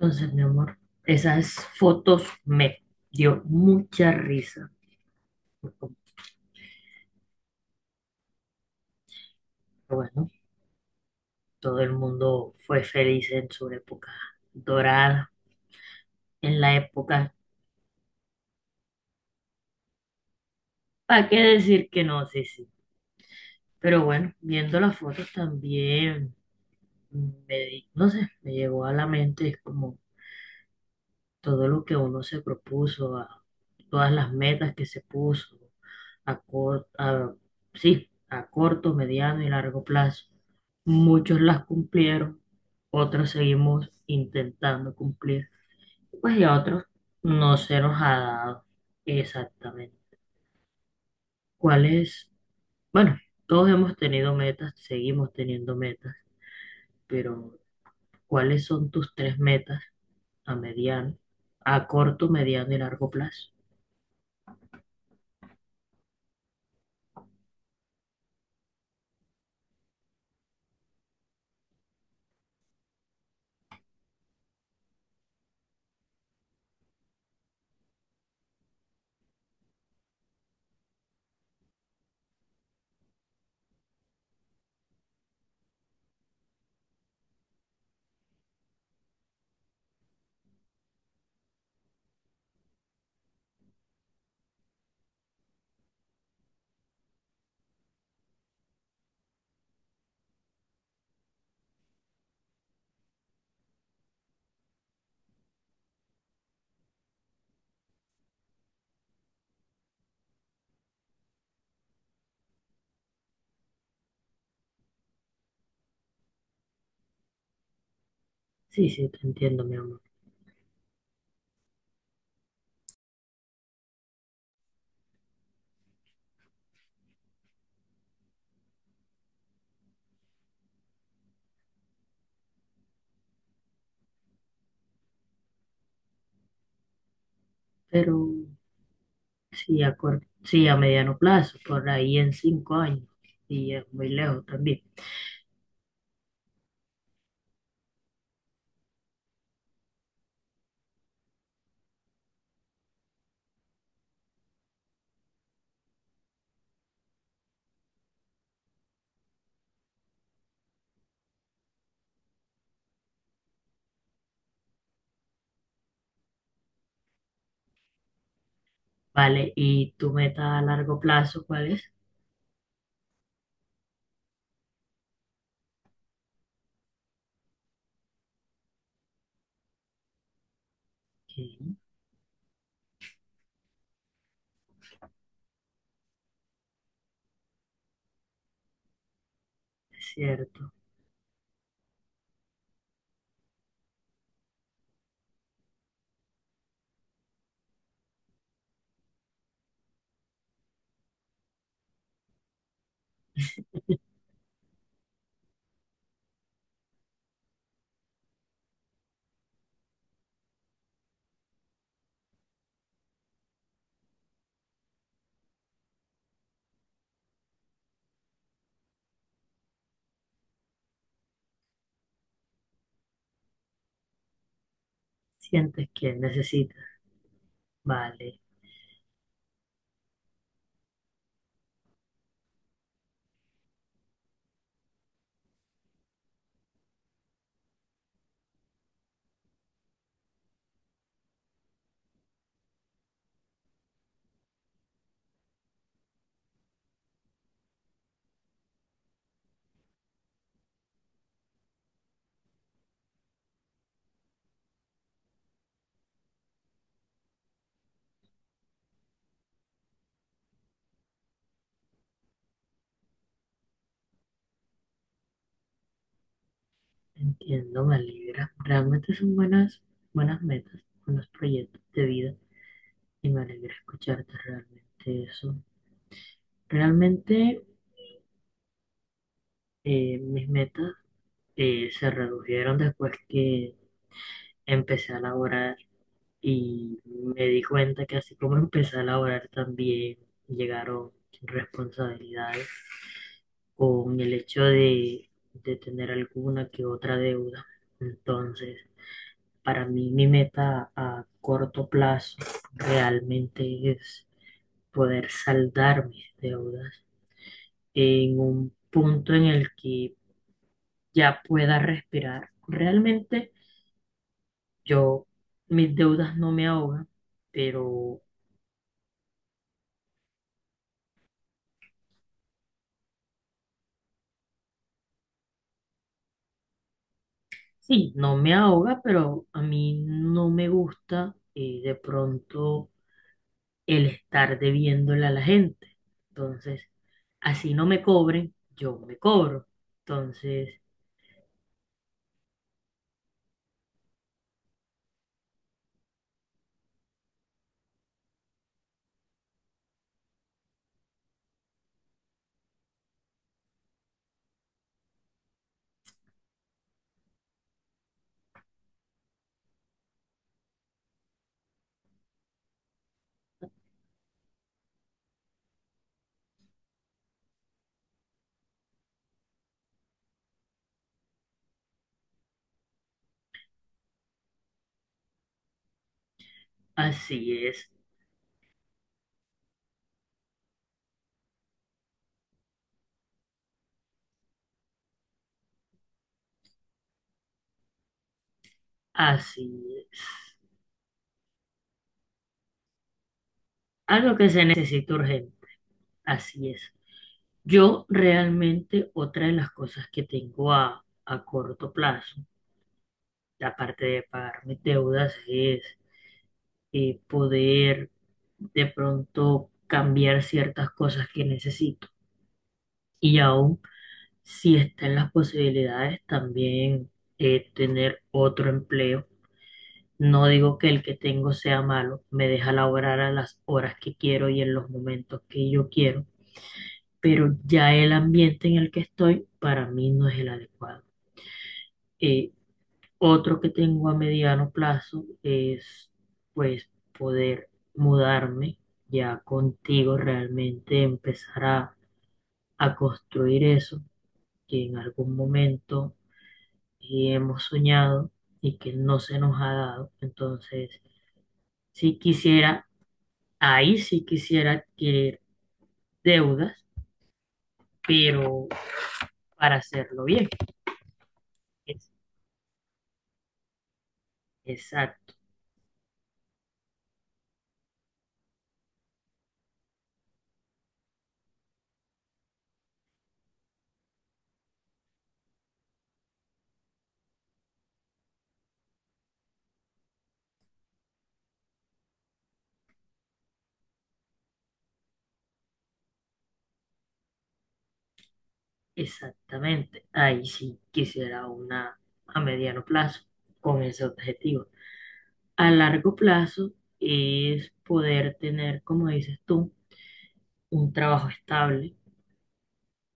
Entonces, mi amor, esas fotos me dio mucha risa. Porque, bueno, todo el mundo fue feliz en su época dorada, en la época, ¿para qué decir que no? Sí, sí. Pero bueno, viendo las fotos también, me, no sé, me llegó a la mente como todo lo que uno se propuso, a todas las metas que se puso a, sí, a corto, mediano y largo plazo. Muchos las cumplieron, otros seguimos intentando cumplir, pues y a otros no se nos ha dado exactamente. ¿Cuáles? Bueno, todos hemos tenido metas, seguimos teniendo metas, pero ¿cuáles son tus tres metas a mediano, a corto, mediano y largo plazo? Sí, sí, te entiendo, mi amor. Pero sí a, sí, a mediano plazo, por ahí en 5 años. Y es muy lejos también. Vale, ¿y tu meta a largo plazo cuál es? Sí, es cierto. Sientes que necesitas. Vale, entiendo, me alegra. Realmente son buenas, buenas metas, buenos proyectos de vida. Y me alegra escucharte realmente eso. Realmente mis metas se redujeron después que empecé a laborar. Y me di cuenta que así como empecé a laborar también llegaron responsabilidades con el hecho de tener alguna que otra deuda. Entonces, para mí mi meta a corto plazo realmente es poder saldar mis deudas en un punto en el que ya pueda respirar. Realmente yo, mis deudas no me ahogan, pero sí, no me ahoga, pero a mí no me gusta de pronto el estar debiéndole a la gente. Entonces, así no me cobren, yo me cobro. Entonces, así es, así es. Algo que se necesita urgente, así es. Yo realmente otra de las cosas que tengo a corto plazo, aparte de pagar mis deudas, es poder de pronto cambiar ciertas cosas que necesito. Y aún si está en las posibilidades, también tener otro empleo. No digo que el que tengo sea malo, me deja laborar a las horas que quiero y en los momentos que yo quiero, pero ya el ambiente en el que estoy para mí no es el adecuado. Eh, Otro que tengo a mediano plazo es pues poder mudarme ya contigo, realmente empezar a construir eso que en algún momento y hemos soñado y que no se nos ha dado. Entonces, sí quisiera, ahí sí quisiera adquirir deudas, pero para hacerlo bien. Es- Exacto, exactamente. Ahí sí quisiera una a mediano plazo con ese objetivo. A largo plazo es poder tener, como dices tú, un trabajo estable,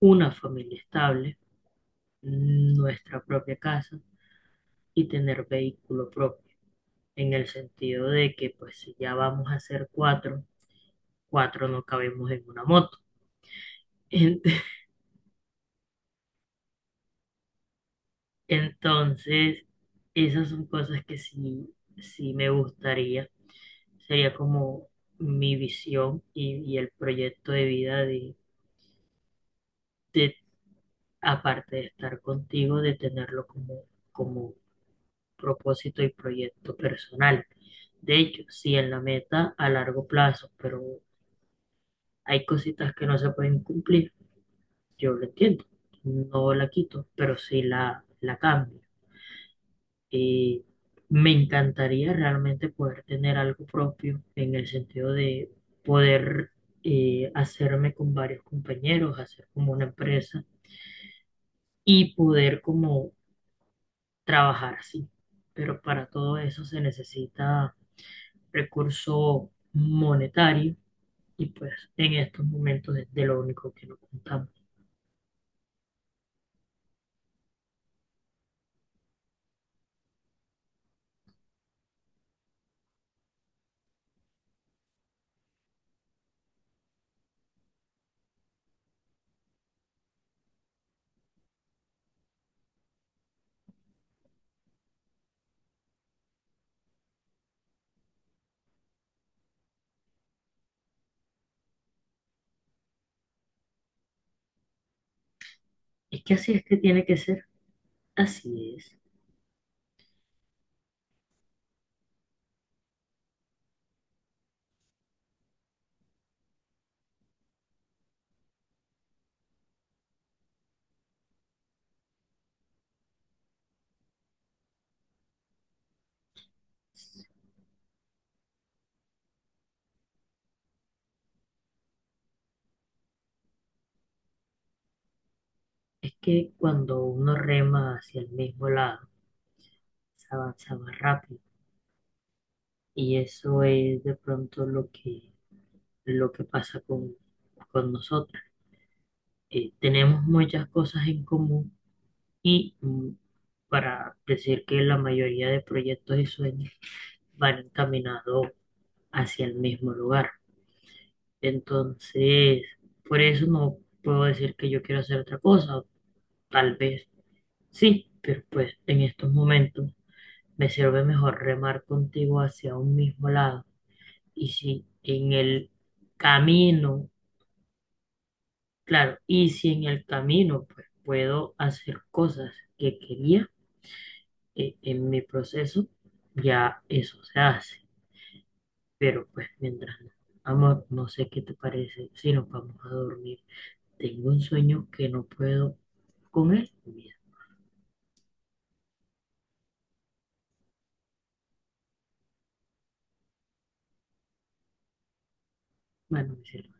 una familia estable, nuestra propia casa y tener vehículo propio, en el sentido de que pues si ya vamos a ser cuatro, cuatro no cabemos en una moto. Ent- Entonces, esas son cosas que sí, sí me gustaría, sería como mi visión y el proyecto de vida de, aparte de estar contigo, de tenerlo como, como propósito y proyecto personal. De hecho, sí en la meta a largo plazo, pero hay cositas que no se pueden cumplir, yo lo entiendo, no la quito, pero sí la cambio. Y me encantaría realmente poder tener algo propio en el sentido de poder hacerme con varios compañeros, hacer como una empresa y poder como trabajar así. Pero para todo eso se necesita recurso monetario y pues en estos momentos es de lo único que no contamos. Es que así es que tiene que ser, así es. Es que cuando uno rema hacia el mismo lado, se avanza más rápido. Y eso es de pronto lo que pasa con nosotros. Tenemos muchas cosas en común y para decir que la mayoría de proyectos y sueños van encaminados hacia el mismo lugar. Entonces, por eso no puedo decir que yo quiero hacer otra cosa. Tal vez sí, pero pues en estos momentos me sirve mejor remar contigo hacia un mismo lado. Y si en el camino, claro, y si en el camino pues puedo hacer cosas que quería en mi proceso, ya eso se hace. Pero pues mientras no. Amor, no sé qué te parece si nos vamos a dormir. Tengo un sueño que no puedo con él. Bueno, mi cielo.